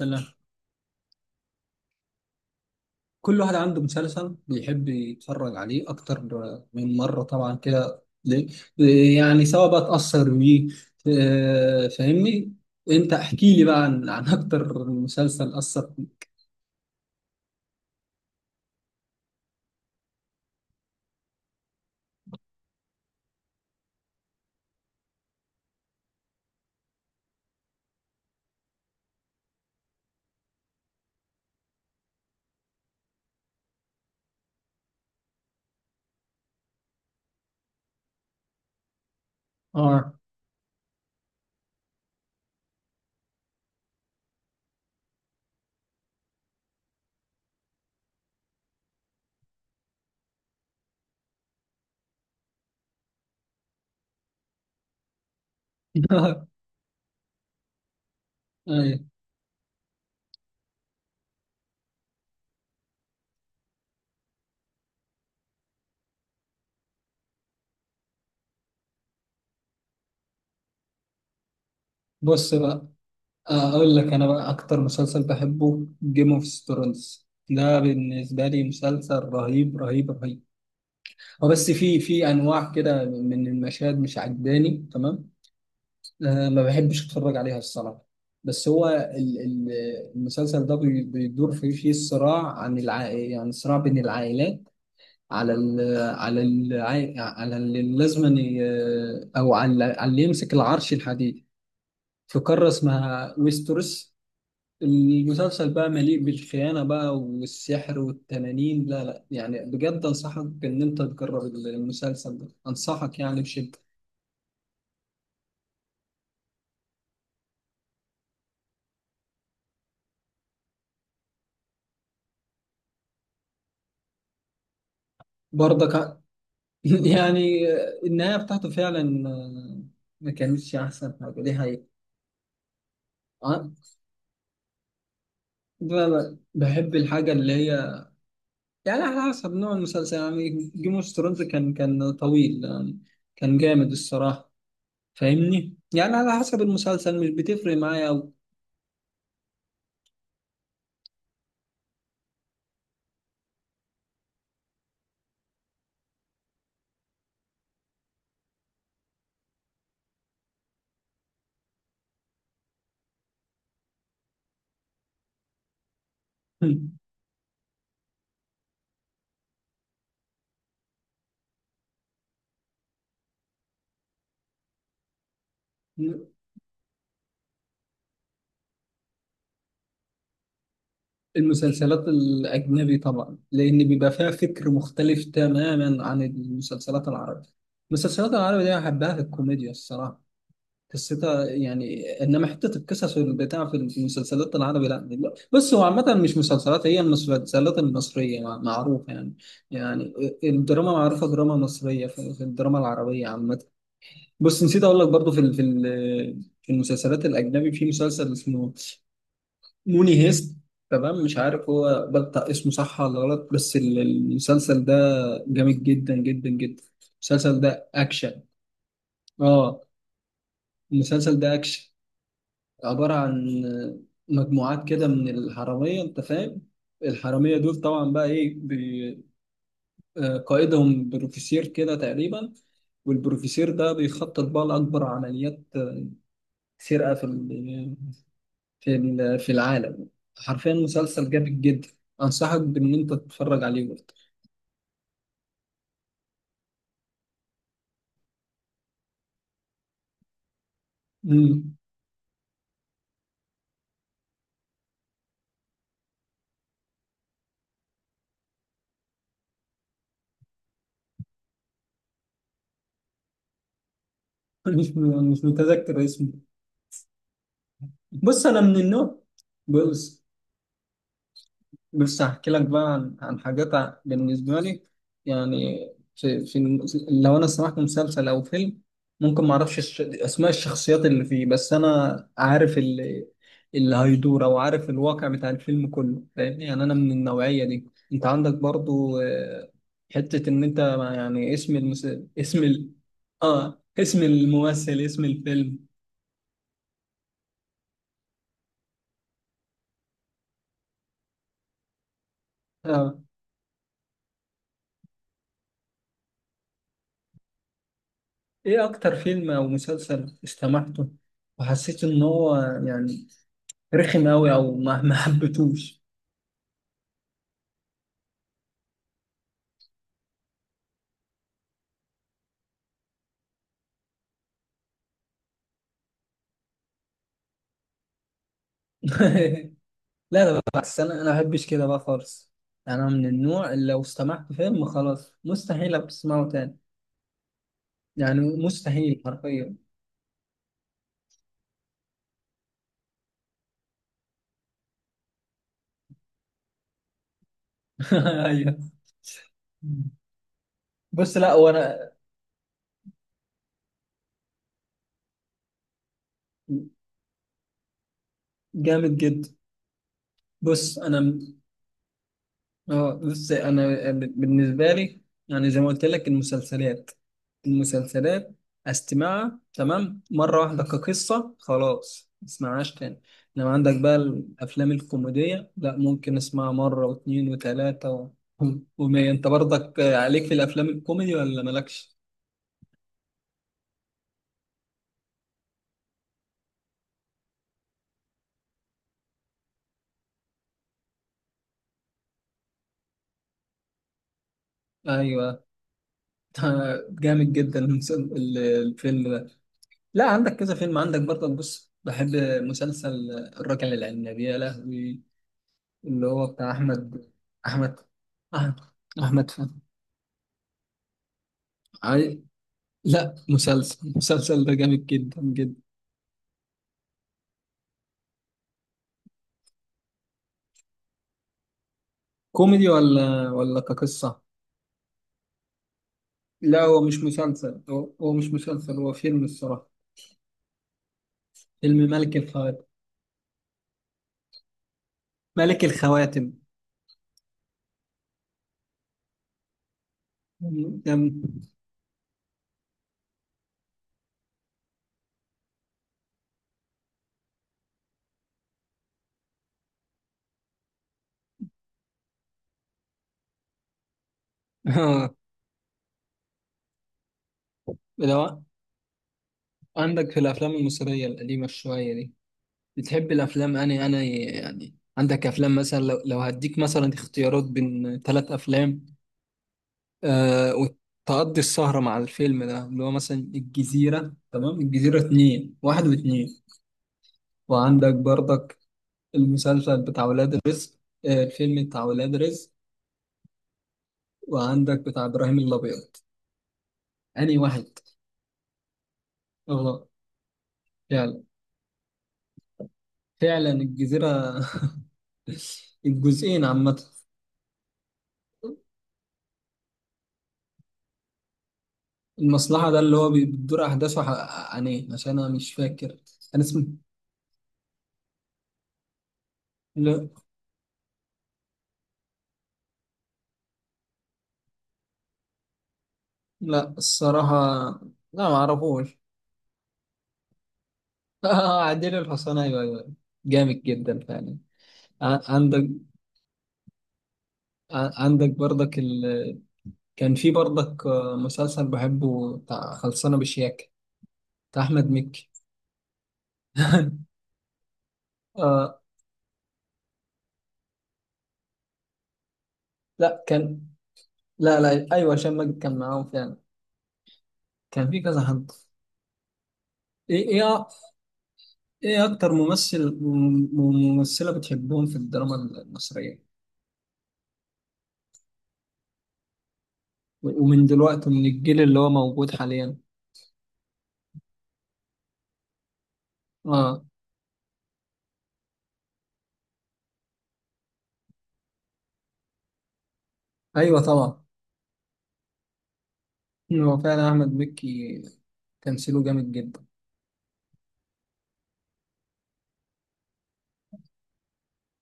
الله، كل واحد عنده مسلسل بيحب يتفرج عليه أكتر من مرة. طبعا كده ليه؟ يعني سواء بقى اتأثر بيه. فاهمني. أنت احكي لي بقى عن أكتر مسلسل أثر فيك. آه. أيوة. بص بقى أقول لك، أنا بقى أكتر مسلسل بحبه جيم أوف ثرونز. ده بالنسبة لي مسلسل رهيب رهيب رهيب. هو بس في أنواع كده من المشاهد مش عجباني تمام. أنا ما بحبش اتفرج عليها الصراحه. بس هو المسلسل ده بيدور فيه صراع عن يعني صراع بين العائلات على ال... على ال... على اللي لازما ي- او على اللي يمسك العرش الحديدي في قاره اسمها ويستروس. المسلسل بقى مليء بالخيانه بقى والسحر والتنانين. لا يعني بجد انصحك ان انت تجرب المسلسل ده، انصحك يعني بشده. برضك. يعني النهاية بتاعته فعلا ما كانتش أحسن حاجة، دي حقيقة. آه. لا بحب الحاجة اللي هي، يعني على حسب نوع المسلسل. يعني جيم اوف ثرونز كان طويل يعني، كان جامد الصراحة. فاهمني؟ يعني على حسب المسلسل، مش بتفرق معايا أوي. المسلسلات الأجنبي طبعا، لأن بيبقى فيها فكر مختلف تماما عن المسلسلات العربية. المسلسلات العربية دي أحبها في الكوميديا الصراحة، قصتها يعني. انما حته القصص والبتاع في المسلسلات العربي، لا دي-. بس هو عامه مش مسلسلات، هي المسلسلات المصريه معروفه يعني. يعني الدراما معروفه، دراما مصريه في الدراما العربيه عامه. بص نسيت اقول لك برضو، في المسلسلات الاجنبي في مسلسل اسمه موني هيست. تمام مش عارف هو بلطق اسمه صح ولا غلط، بس المسلسل ده جامد جدا جدا جدا. المسلسل ده اكشن. اه. المسلسل ده اكشن، عبارة عن مجموعات كده من الحرامية، أنت فاهم. الحرامية دول طبعا بقى إيه قائدهم بروفيسير كده تقريبا، والبروفيسير ده بيخطط بقى لأكبر عمليات سرقة في العالم. حرفيا مسلسل جامد جدا، أنصحك بإن أنت تتفرج عليه برضه. مم. مش مش متذكر اسمه. بص أنا من النوع، بص، بس هحكي لك بقى عن حاجات بالنسبة لي. يعني في, في الم- لو أنا سمعت مسلسل أو فيلم ممكن ما أعرفش أسماء الشخصيات اللي فيه، بس أنا عارف اللي هيدور أو عارف الواقع بتاع الفيلم كله، فاهمني؟ يعني أنا من النوعية دي. أنت عندك برضو حتة إن أنت يعني اسم اسم آه اسم الممثل، اسم الفيلم. آه. إيه أكتر فيلم أو مسلسل استمعته وحسيت إن هو يعني رخم أوي أو ما حبيتوش؟ لا لا، بس أنا ما بحبش كده بقى خالص. أنا من النوع اللي لو استمعت فيلم خلاص مستحيل أبقى أسمعه تاني، يعني مستحيل حرفيا. أيوه. بص لا وأنا. جامد جدا. بص أنا، اه بص انا، بالنسبه لي يعني زي ما قلت لك، المسلسلات المسلسلات استمعها تمام مره واحده كقصه، خلاص ما اسمعهاش تاني. لما عندك بقى الافلام الكوميديه، لا ممكن اسمعها مره واثنين وثلاثه ومية. انت برضك عليك في الافلام الكوميدي ولا مالكش؟ ايوه. جامد جدا الفيلم ده. لا عندك كذا فيلم، عندك برضك، بص بحب مسلسل الراجل العناب يا لهوي، اللي هو بتاع احمد احمد احمد فهمي. عاي- لا مسلسل، المسلسل ده جامد جدا جدا. كوميدي ولا كقصة؟ لا هو مش مسلسل، هو مش مسلسل، هو فيلم الصراحة. فيلم ملك الخواتم. ملك الخواتم جامد. اه لو عندك في الافلام المصرية القديمة شوية دي، بتحب الافلام؟ انا يعني عندك افلام، مثلا لو هديك مثلا اختيارات بين ثلاث افلام، آه، وتقضي السهرة مع الفيلم ده، اللي هو مثلا الجزيرة، تمام، الجزيرة اتنين، واحد واتنين، وعندك برضك المسلسل بتاع ولاد رزق، آه الفيلم بتاع ولاد رزق، وعندك بتاع إبراهيم الأبيض. أنهي واحد؟ اه فعلا. فعلا الجزيرة. الجزئين عامة. المصلحة ده اللي هو بتدور أحداثه عن إيه؟ عشان أنا مش فاكر أنا اسمه. لا لا الصراحة، لا معرفوش. اه عديل الحصان، ايوه ايوه، جامد جدا فعلا. عندك، عندك برضك كان في برضك مسلسل بحبه بتاع خلصانه بشياكه، بتاع احمد مكي. آه. لا كان، لا لا ايوه هشام ماجد كان معاهم فعلا. كان في كذا حد. ايه ايه ايه اكتر ممثل وممثله بتحبهم في الدراما المصريه؟ ومن دلوقتي، من الجيل اللي هو موجود حاليا. اه ايوه طبعا، هو فعلا احمد مكي، تمثيله جامد جدا.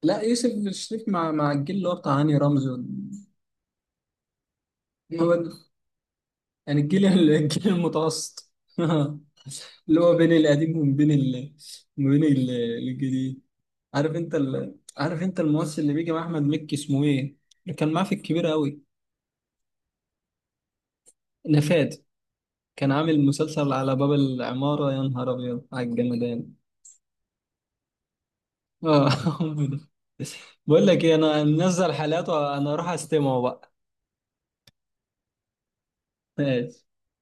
لا يوسف الشريف مع الجيل اللي هو بتاع هاني رمزي هو ده. يعني الجيل المتوسط. اللي هو بين القديم وبين وبين الجديد. عارف انت عارف انت الممثل اللي بيجي مع احمد مكي اسمه ايه؟ اللي كان معاه في الكبير قوي، نفاد. كان عامل مسلسل على باب العمارة يا نهار ابيض على الجمدان. اه هو ده. بقول لك ايه، انا منزل حالاته، انا اروح استمعه بقى. ماشي.